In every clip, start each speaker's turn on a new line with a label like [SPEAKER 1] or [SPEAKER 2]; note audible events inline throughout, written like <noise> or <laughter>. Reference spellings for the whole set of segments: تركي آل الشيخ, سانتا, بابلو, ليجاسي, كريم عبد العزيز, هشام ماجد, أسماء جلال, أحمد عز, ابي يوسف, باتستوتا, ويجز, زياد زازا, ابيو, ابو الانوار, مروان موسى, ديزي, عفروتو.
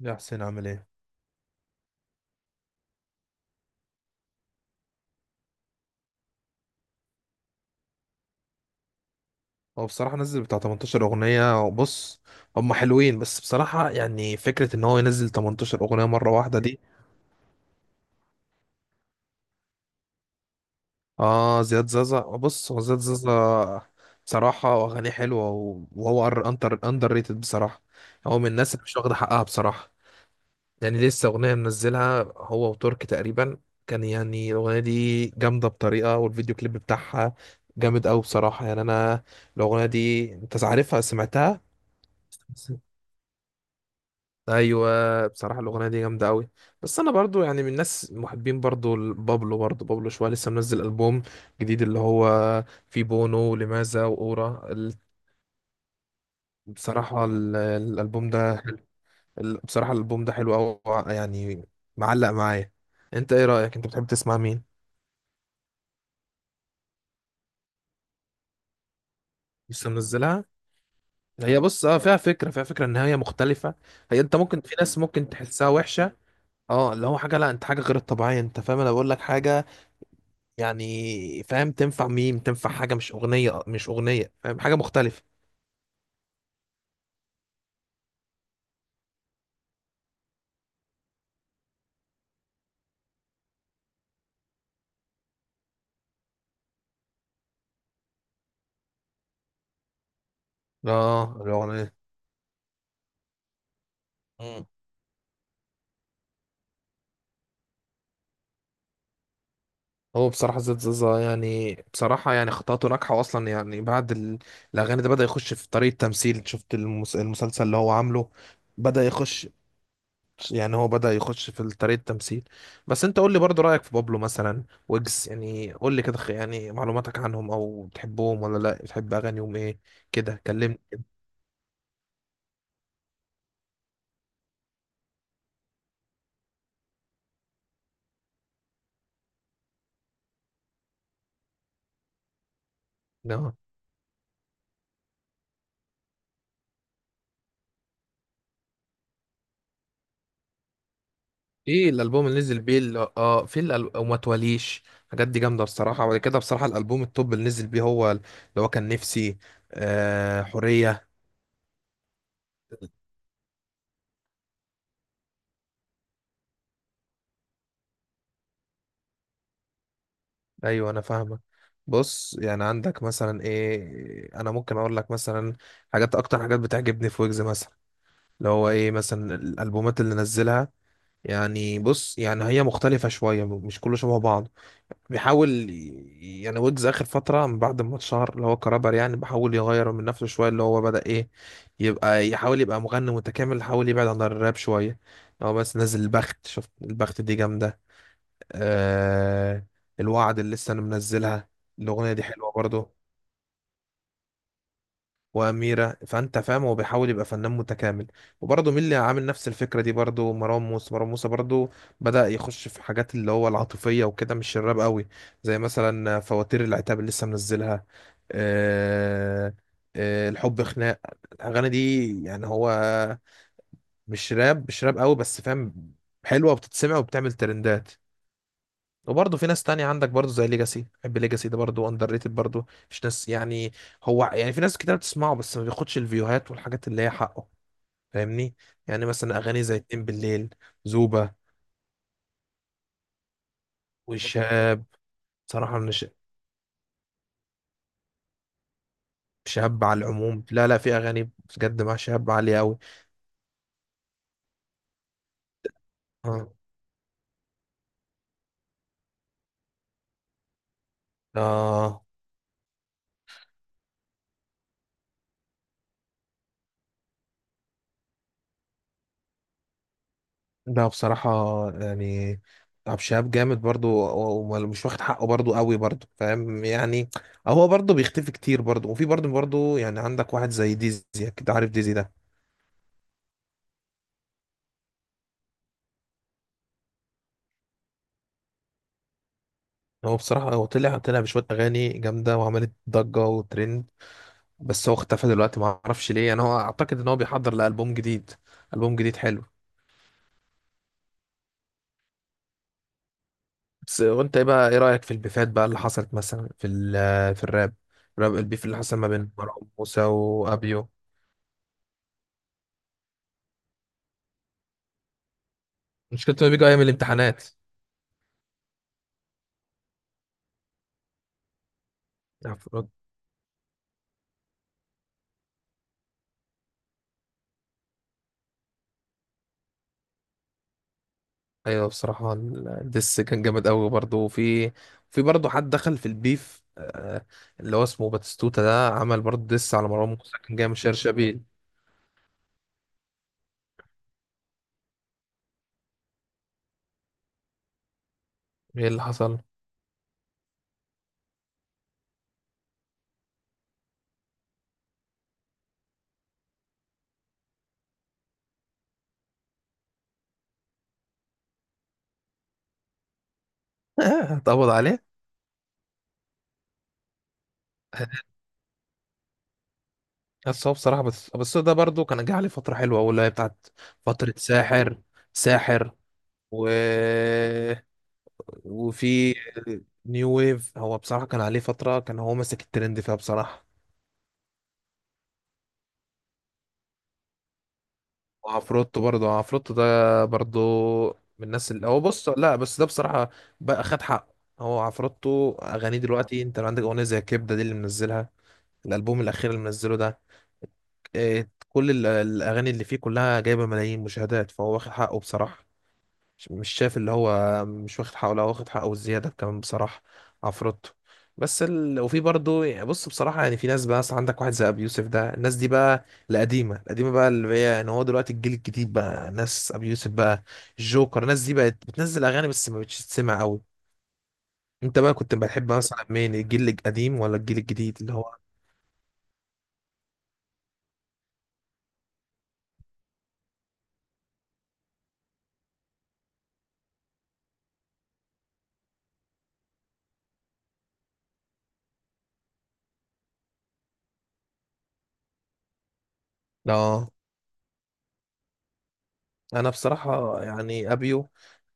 [SPEAKER 1] يا حسين عامل ايه؟ هو بصراحة نزل بتاع 18 أغنية. بص هم حلوين، بس بصراحة يعني فكرة إن هو ينزل 18 أغنية مرة واحدة دي... آه زياد زازا، بص هو زياد زازا بصراحة أغانيه حلوة و- وهو أندر ريتد بصراحة. هو من الناس اللي مش واخدة حقها بصراحة. يعني لسه أغنية منزلها هو وترك تقريبا، كان يعني الأغنية دي جامدة بطريقة، والفيديو كليب بتاعها جامد أوي بصراحة. يعني أنا الأغنية دي أنت عارفها، سمعتها؟ ايوه بصراحه الاغنيه دي جامده قوي. بس انا برضو يعني من الناس محبين برضو بابلو، برضو شويه، لسه منزل البوم جديد اللي هو فيه بونو ولماذا واورا بصراحه الالبوم ده حلو. بصراحه الالبوم ده حلو قوي. يعني معلق معايا. انت ايه رايك، انت بتحب تسمع مين؟ لسه منزلها. هي بص اه فيها فكره، فيها فكره ان هي مختلفه. هي انت ممكن، في ناس ممكن تحسها وحشه، اه اللي هو حاجه، لا انت حاجه غير الطبيعيه، انت فاهم؟ انا بقول لك حاجه يعني، فاهم؟ تنفع ميم، تنفع حاجة مش أغنية، مش أغنية فاهم، حاجة مختلفة. اه الأغنية. مم. هو بصراحة زياد زازا يعني بصراحة يعني خطواته ناجحة أصلا، يعني بعد الأغاني ده بدأ يخش في طريق التمثيل. شفت المسلسل اللي هو عامله؟ بدأ يخش، يعني هو بدأ يخش في طريق التمثيل. بس أنت قول لي برضو رأيك في بابلو مثلا، ويجز، يعني قول لي كده، يعني معلوماتك عنهم، أو بتحبهم ولا لا، بتحب أغانيهم إيه؟ كده كلمني. كده ايه الالبوم اللي نزل بيه، اللي اه في وما تواليش، الحاجات دي جامده بصراحه. وبعد كده بصراحه الالبوم التوب اللي نزل بيه، هو اللي هو كان نفسي. آه حوريه. ايوه انا فاهمه. بص يعني عندك مثلا ايه، انا ممكن اقول لك مثلا حاجات اكتر حاجات بتعجبني في ويجز مثلا، اللي هو ايه، مثلا الالبومات اللي نزلها، يعني بص يعني هي مختلفه شويه، مش كله شبه بعض. بيحاول يعني ويجز اخر فتره، من بعد ما اتشهر اللي هو كرابر، يعني بيحاول يغير من نفسه شويه، اللي هو بدا ايه، يبقى يحاول يبقى مغني متكامل، يحاول يبعد عن الراب شويه. هو بس نزل البخت، شفت البخت دي جامده. آه الوعد اللي لسه انا منزلها، الاغنيه دي حلوه برضو. واميره، فانت فاهم هو بيحاول يبقى فنان متكامل. وبرضه مين اللي عامل نفس الفكره دي برضه؟ مروان موسى. مروان موسى برضه بدا يخش في حاجات اللي هو العاطفيه وكده، مش الراب قوي. زي مثلا فواتير العتاب اللي لسه منزلها، آه، آه الحب خناق. الاغاني دي يعني هو مش راب، مش راب قوي بس، فاهم؟ حلوه وبتتسمع وبتعمل ترندات. وبرضه في ناس تانية عندك برضه، زي ليجاسي، بحب ليجاسي ده برضه، اندر ريتد برضه، مش ناس يعني، هو يعني في ناس كتير بتسمعه بس ما بياخدش الفيوهات والحاجات اللي هي حقه. فاهمني؟ يعني مثلا اغاني زي اتنين بالليل، زوبة، والشهاب. صراحة من شهاب على العموم، لا لا في اغاني بجد مع شهاب عالية قوي. اه آه. لا بصراحة يعني عبد الشهاب جامد برضو، ومش واخد حقه برضو قوي برضو فاهم يعني. هو برضو بيختفي كتير برضو، وفي برضو يعني عندك واحد زي ديزي، أكيد عارف ديزي ده. هو بصراحة هو طلع بشوية أغاني جامدة، وعملت ضجة وترند. بس هو اختفى دلوقتي، ما أعرفش ليه. يعني هو أعتقد إن هو بيحضر لألبوم جديد، ألبوم جديد حلو. بس وأنت إيه بقى، إيه رأيك في البيفات بقى اللي حصلت مثلا في في الراب؟ الراب البيف اللي حصل ما بين مروان موسى وأبيو، مشكلته بيجوا أيام الامتحانات. عفروت. ايوه بصراحه الدس كان جامد قوي برضه. وفي، في برضه حد دخل في البيف اللي هو اسمه باتستوتا ده، عمل برضه دس على مروان موسى، كان جاي من شير شبيل. ايه اللي حصل؟ <laughs> اتقبض عليه. بس هو بصراحه بس ده برضه كان جه عليه فتره حلوه أوي، اللي هي بتاعت فتره ساحر، ساحر. و... وفي نيو ويف. هو بصراحه كان عليه فتره كان هو ماسك الترند فيها بصراحه. وعفروتو برضه عفروتو ده برضه من الناس، اللي هو بص، لا بس ده بصراحة بقى خد حقه. هو عفروتو أغانيه دلوقتي، أنت لو عندك أغنية زي كبدة دي اللي منزلها الألبوم الأخير اللي منزله ده، إيه، كل الأغاني اللي فيه كلها جايبة ملايين مشاهدات، فهو واخد حقه بصراحة. مش شايف اللي هو مش واخد حقه، لا واخد حقه والزياده كمان بصراحه، عفروتو. بس وفي برضه يعني، بص بصراحه يعني في ناس بقى، مثلا عندك واحد زي ابي يوسف ده، الناس دي بقى القديمه، بقى اللي هي يعني، هو دلوقتي الجيل الجديد بقى ناس ابي يوسف بقى الجوكر، الناس دي بقت بتنزل اغاني بس ما بتش تسمع قوي. انت بقى كنت بتحب مثلا مين، الجيل القديم ولا الجيل الجديد اللي هو؟ اه انا بصراحه يعني ابيو،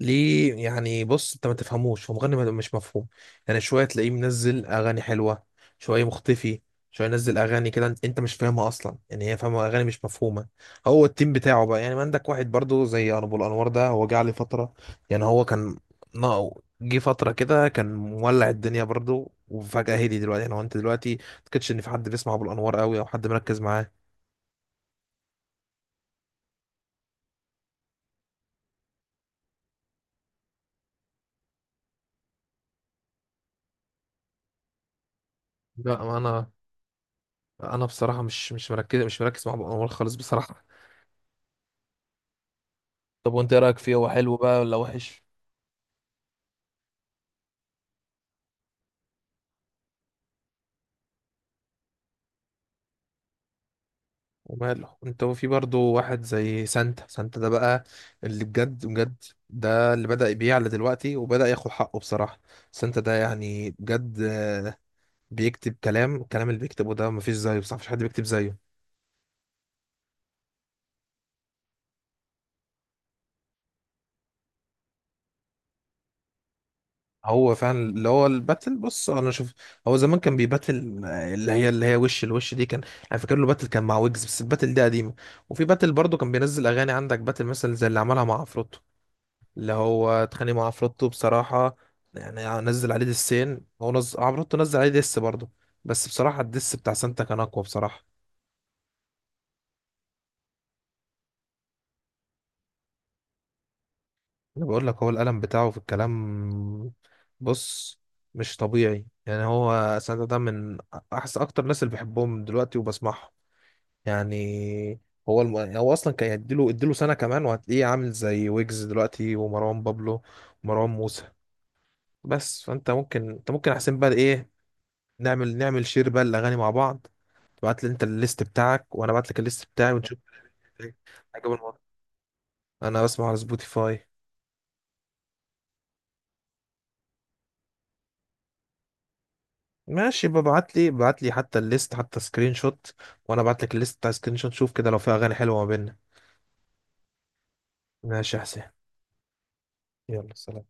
[SPEAKER 1] ليه يعني، بص انت ما تفهموش، هو مغني مش مفهوم، يعني شويه تلاقيه منزل اغاني حلوه، شويه مختفي، شويه ينزل اغاني كده انت، أنت مش فاهمها اصلا، يعني هي فاهمه اغاني مش مفهومه. هو التيم بتاعه بقى يعني. ما عندك واحد برضو زي ابو الانوار ده، هو جه عليه فتره، يعني هو كان ناقو، جه فتره كده كان مولع الدنيا برضو، وفجاه هدي دلوقتي. يعني هو انت دلوقتي ما تكتش ان في حد بيسمع ابو الانوار قوي او حد مركز معاه. لا انا، انا بصراحه مش، مش مركز مع ابو انوار خالص بصراحه. طب وانت ايه رايك فيه، هو حلو بقى ولا وحش؟ وماله. انت وفي برضو واحد زي سانتا، ده بقى اللي بجد، بجد ده اللي بدأ يبيع دلوقتي وبدأ ياخد حقه بصراحه. سانتا ده يعني بجد بيكتب كلام، الكلام اللي بيكتبه ده مفيش زيه بصراحه، مفيش حد بيكتب زيه. هو فعلا اللي هو الباتل، بص انا شوف، هو زمان كان بيباتل اللي هي اللي هي وش الوش دي كان، انا فاكر له باتل كان مع ويجز، بس الباتل دي قديمه. وفي باتل برضه كان بينزل اغاني، عندك باتل مثلا زي اللي عملها مع عفروتو، اللي هو اتخانق مع عفروتو بصراحه. يعني نزل عليه دسين، هو عفروتو نزل عليه دس برضه، بس بصراحه الدس بتاع سانتا كان اقوى بصراحه. انا بقول لك هو القلم بتاعه في الكلام، بص، مش طبيعي. يعني هو سانتا ده من احسن اكتر ناس اللي بحبهم دلوقتي وبسمعهم يعني. هو هو اصلا كان اديله سنه كمان، وهتلاقيه عامل زي ويجز دلوقتي، ومروان بابلو ومروان موسى. بس فانت ممكن، انت ممكن احسن بقى ايه، نعمل شير بقى الاغاني مع بعض. تبعت لي انت الليست بتاعك، وانا ابعت لك الليست بتاعي، ونشوف. عجب الموضوع؟ انا بسمع على سبوتيفاي. ماشي، ببعت لي بعت لي حتى الليست، حتى سكرين شوت، وانا ابعت لك الليست بتاع سكرين شوت، شوف كده لو في اغاني حلوه ما بيننا. ماشي يا حسين، يلا سلام.